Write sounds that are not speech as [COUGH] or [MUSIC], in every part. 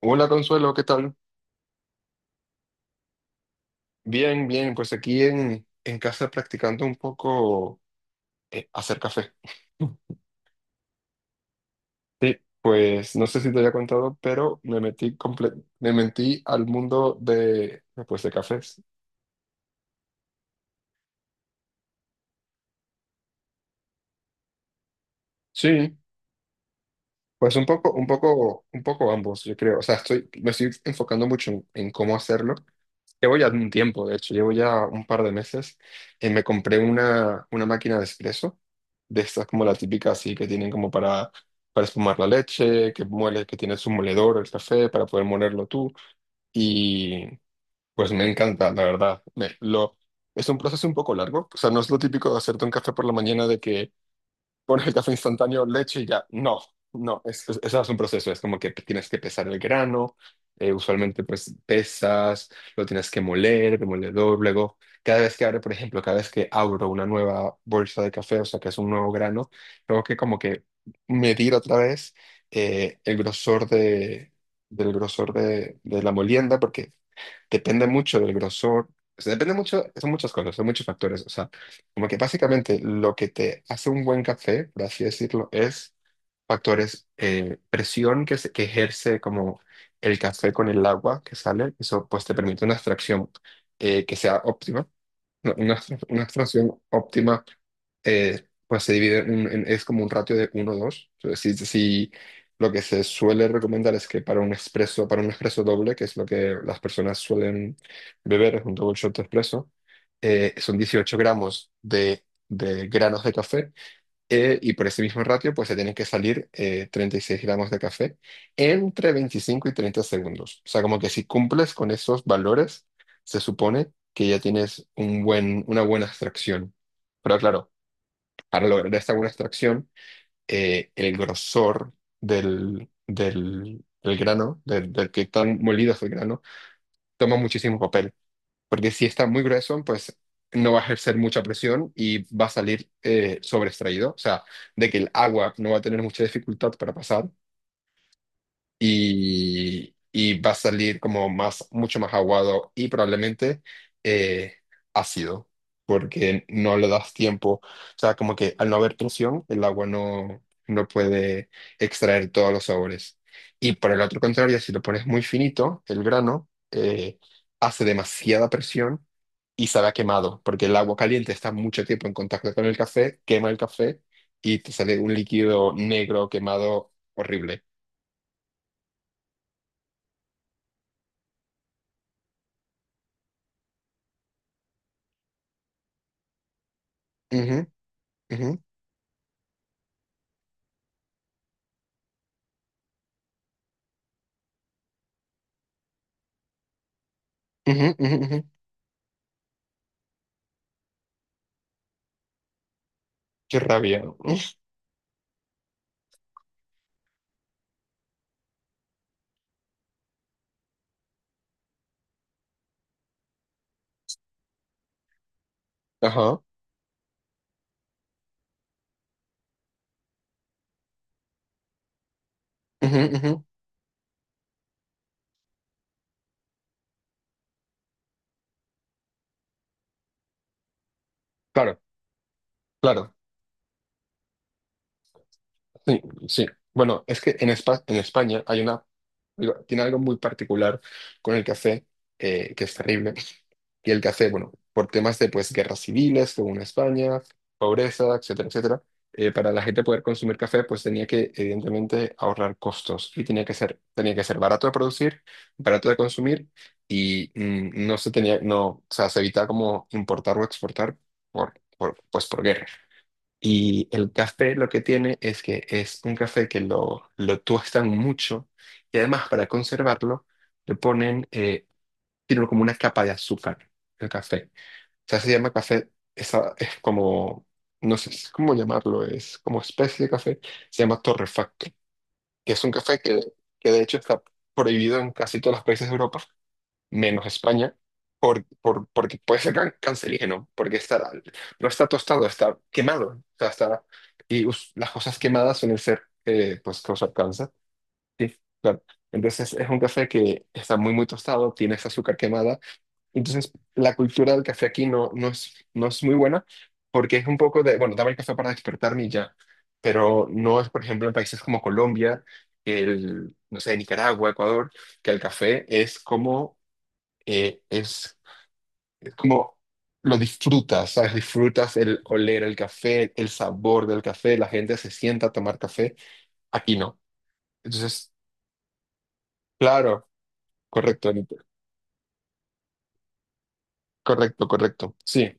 Hola Consuelo, ¿qué tal? Bien, bien, pues aquí en casa practicando un poco hacer café. Sí, pues no sé si te había contado, pero me metí al mundo de, pues, de cafés. Sí, pues un poco, un poco, un poco ambos, yo creo. O sea, me estoy enfocando mucho en cómo hacerlo. Llevo ya un tiempo, de hecho, llevo ya un par de meses. Me compré una máquina de espresso, de estas como la típica así que tienen como para espumar la leche, que muele, que tiene su moledor, el café, para poder molerlo tú. Y pues me encanta, la verdad. Es un proceso un poco largo, o sea, no es lo típico de hacerte un café por la mañana de que pones el café instantáneo, leche y ya. No, no, eso es un proceso, es como que tienes que pesar el grano, usualmente pues pesas, lo tienes que moler, demoledor, luego cada vez que abre, por ejemplo, cada vez que abro una nueva bolsa de café, o sea que es un nuevo grano, tengo que como que medir otra vez el grosor de, del grosor de la molienda, porque depende mucho del grosor, o sea, depende mucho, son muchas cosas, son muchos factores, o sea, como que básicamente lo que te hace un buen café, por así decirlo, es factores, presión que ejerce como el café con el agua que sale, eso pues te permite una extracción que sea óptima, una, una una extracción óptima, pues se divide es como un ratio de uno dos 2. Si, si lo que se suele recomendar es que para un expreso doble, que es lo que las personas suelen beber, es un double shot de expreso. Son 18 gramos de granos de café. Y por ese mismo ratio, pues se tienen que salir 36 gramos de café entre 25 y 30 segundos. O sea, como que si cumples con esos valores, se supone que ya tienes una buena extracción. Pero claro, para lograr esta buena extracción, el grosor del grano, del, del que tan molido es el grano, toma muchísimo papel porque si está muy grueso, pues no va a ejercer mucha presión y va a salir sobreextraído, o sea, de que el agua no va a tener mucha dificultad para pasar y va a salir como mucho más aguado y probablemente eh, ácido, porque no le das tiempo. O sea, como que al no haber presión, el agua no puede extraer todos los sabores. Y por el otro contrario, si lo pones muy finito, el grano hace demasiada presión. Y sabe a quemado, porque el agua caliente está mucho tiempo en contacto con el café, quema el café y te sale un líquido negro quemado horrible. Ujú, ujú, ujú, ujú. Qué rabia. [LAUGHS] Ajá. Ujú, ujú. Claro, claro. Sí, sí. Bueno, es que en en España hay una, digo, tiene algo muy particular con el café, que es terrible, que el café, bueno, por temas de pues guerras civiles, según España, pobreza, etcétera, etcétera, para la gente poder consumir café, pues tenía que evidentemente ahorrar costos y tenía que ser barato de producir, barato de consumir y no se tenía, no, o sea, se evitaba como importar o exportar pues por guerra. Y el café lo que tiene es que es un café que lo tuestan mucho y además para conservarlo le ponen, tiene como una capa de azúcar el café sea, se llama café, esa, es como, no sé si es cómo llamarlo, es como especie de café, se llama torrefacto, que es un café que de hecho está prohibido en casi todos los países de Europa, menos España, porque puede ser cancerígeno, porque está, no está tostado, está quemado, o sea, está, y las cosas quemadas suelen ser, pues, causar cáncer. Sí, claro. Entonces es un café que está muy, muy tostado, tiene esa azúcar quemada, entonces, la cultura del café aquí no es muy buena porque es un poco de, bueno, dame el café para despertarme y ya, pero no es, por ejemplo, en países como Colombia, el, no sé, Nicaragua, Ecuador, que el café es como, eh, es, es como lo disfrutas. ¿Sabes? Disfrutas el oler el café, el sabor del café, la gente se sienta a tomar café, aquí no. Entonces, claro, correcto, Anita, correcto, correcto, sí.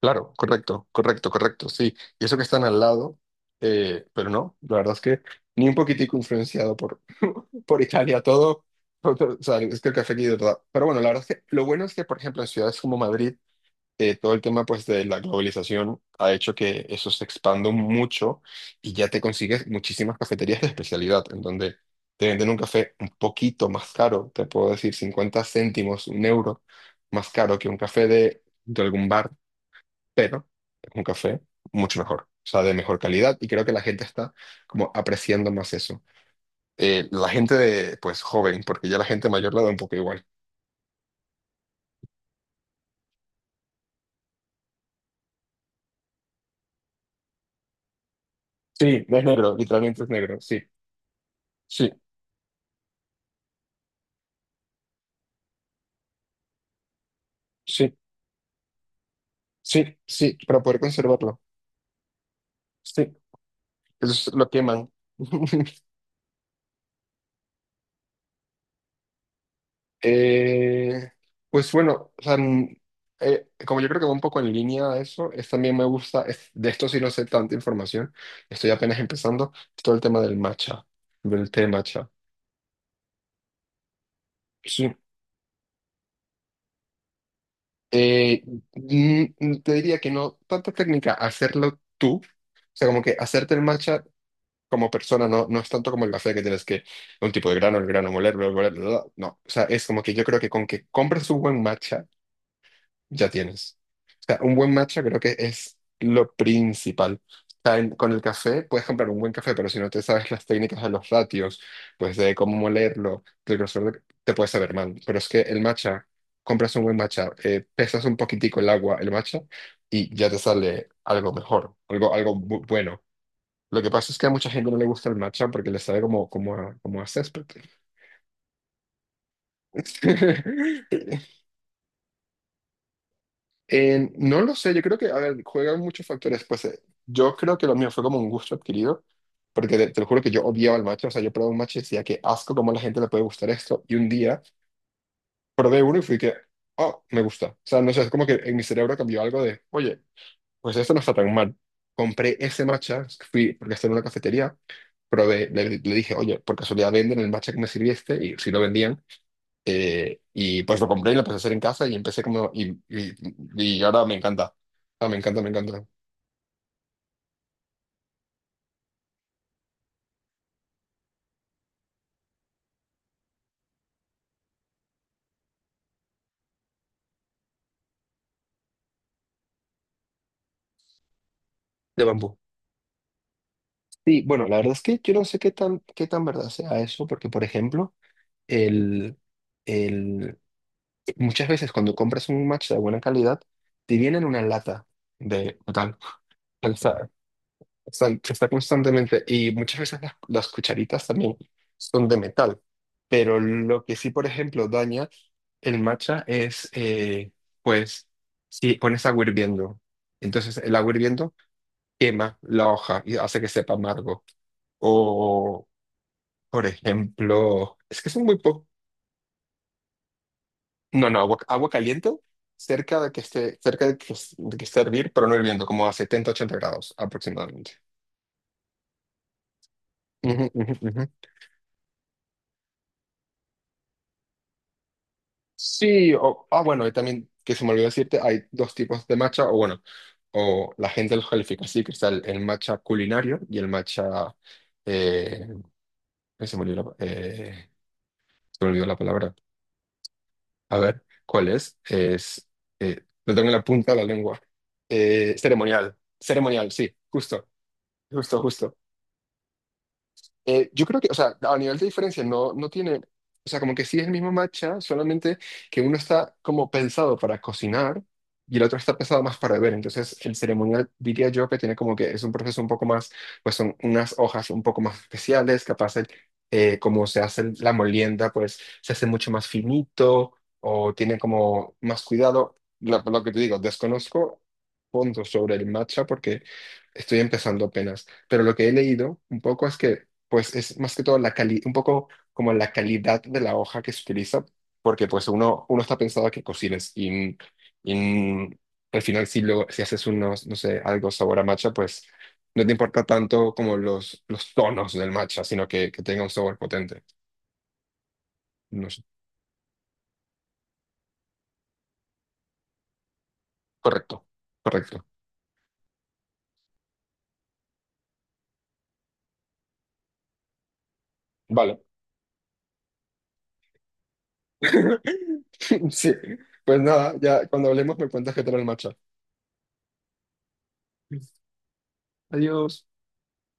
Claro, correcto, correcto, correcto, sí. Y eso que están al lado, pero no, la verdad es que ni un poquitico influenciado por Italia, o sea, es que el café aquí de verdad. Pero bueno, la verdad es que lo bueno es que, por ejemplo, en ciudades como Madrid, todo el tema pues de la globalización ha hecho que eso se expanda mucho y ya te consigues muchísimas cafeterías de especialidad en donde te venden un café un poquito más caro, te puedo decir 50 céntimos, un euro más caro que un café de algún bar, pero es un café mucho mejor, o sea, de mejor calidad y creo que la gente está como apreciando más eso. La gente de, pues, joven, porque ya la gente mayor la da un poco igual. Sí, es negro, literalmente es negro, sí, sí, sí, sí, sí, para poder conservarlo, sí, eso es lo queman. [LAUGHS] Eh, pues bueno, o sea, como yo creo que va un poco en línea a eso, también me gusta, de esto sí no sé tanta información, estoy apenas empezando, todo el tema del matcha, del té matcha. Sí. Eh, te diría que no, tanta técnica, hacerlo tú, o sea, como que hacerte el matcha como persona, no es tanto como el café que tienes que, un tipo de grano, el grano, moler, bla, bla, bla, bla, no, o sea, es como que yo creo que con que compres un buen matcha, ya tienes. O sea, un buen matcha creo que es lo principal. O sea, con el café puedes comprar un buen café, pero si no te sabes las técnicas de los ratios, pues de cómo molerlo, del grosor, te puedes saber mal. Pero es que el matcha, compras un buen matcha, pesas un poquitico el agua, el matcha, y ya te sale algo mejor, bueno. Lo que pasa es que a mucha gente no le gusta el matcha porque le sabe como a césped. [LAUGHS] No lo sé, yo creo que, a ver, juegan muchos factores. Pues yo creo que lo mío fue como un gusto adquirido, porque te lo juro que yo odiaba el matcha. O sea, yo probaba un matcha y decía que asco, cómo a la gente le puede gustar esto. Y un día probé uno y fui que, oh, me gusta. O sea, no sé, es como que en mi cerebro cambió algo de, oye, pues esto no está tan mal. Compré ese matcha, fui, porque estaba en una cafetería, probé, le dije, oye, por casualidad venden el matcha que me sirviste, y si lo vendían. Y pues lo compré y lo empecé a hacer en casa y empecé como... Y ahora me encanta. Ah, me encanta, me encanta. De bambú. Sí, bueno, la verdad es que yo no sé qué tan verdad sea eso, porque por ejemplo, el, el, muchas veces cuando compras un matcha de buena calidad, te vienen una lata de metal. Está constantemente, y muchas veces las cucharitas también son de metal, pero lo que sí, por ejemplo, daña el matcha es, pues, si pones agua hirviendo, entonces el agua hirviendo quema la hoja y hace que sepa amargo. O, por ejemplo, es que son muy poco, no, no, agua caliente cerca de que esté, de que esté a hervir, pero no hirviendo, como a 70 80 grados aproximadamente. Ujú, ujú, ujú. Sí, o, ah, bueno, y también que se me olvidó decirte, hay dos tipos de matcha, o bueno, o la gente los califica así, que está el matcha culinario y el matcha, eh, ay, se me olvidó la palabra. A ver, ¿cuál es? Lo tengo en la punta de la lengua. Ceremonial, sí, justo, justo, justo. Yo creo que, o sea, a nivel de diferencia no tiene, o sea, como que sí es el mismo matcha, solamente que uno está como pensado para cocinar y el otro está pensado más para beber. Entonces, el ceremonial diría yo que tiene como que es un proceso un poco más, pues son unas hojas un poco más especiales, capaz como se hace la molienda, pues se hace mucho más finito o tiene como más cuidado. Lo que te digo, desconozco fondo sobre el matcha porque estoy empezando apenas, pero lo que he leído un poco es que pues es más que todo la cali un poco como la calidad de la hoja que se utiliza, porque pues uno está pensado a que cocines y, y al final si haces unos, no sé, algo sabor a matcha, pues no te importa tanto como los tonos del matcha, sino que tenga un sabor potente. No sé. Correcto, correcto. Vale. [LAUGHS] Sí, pues nada, ya cuando hablemos me cuentas qué tal el matcha. Adiós.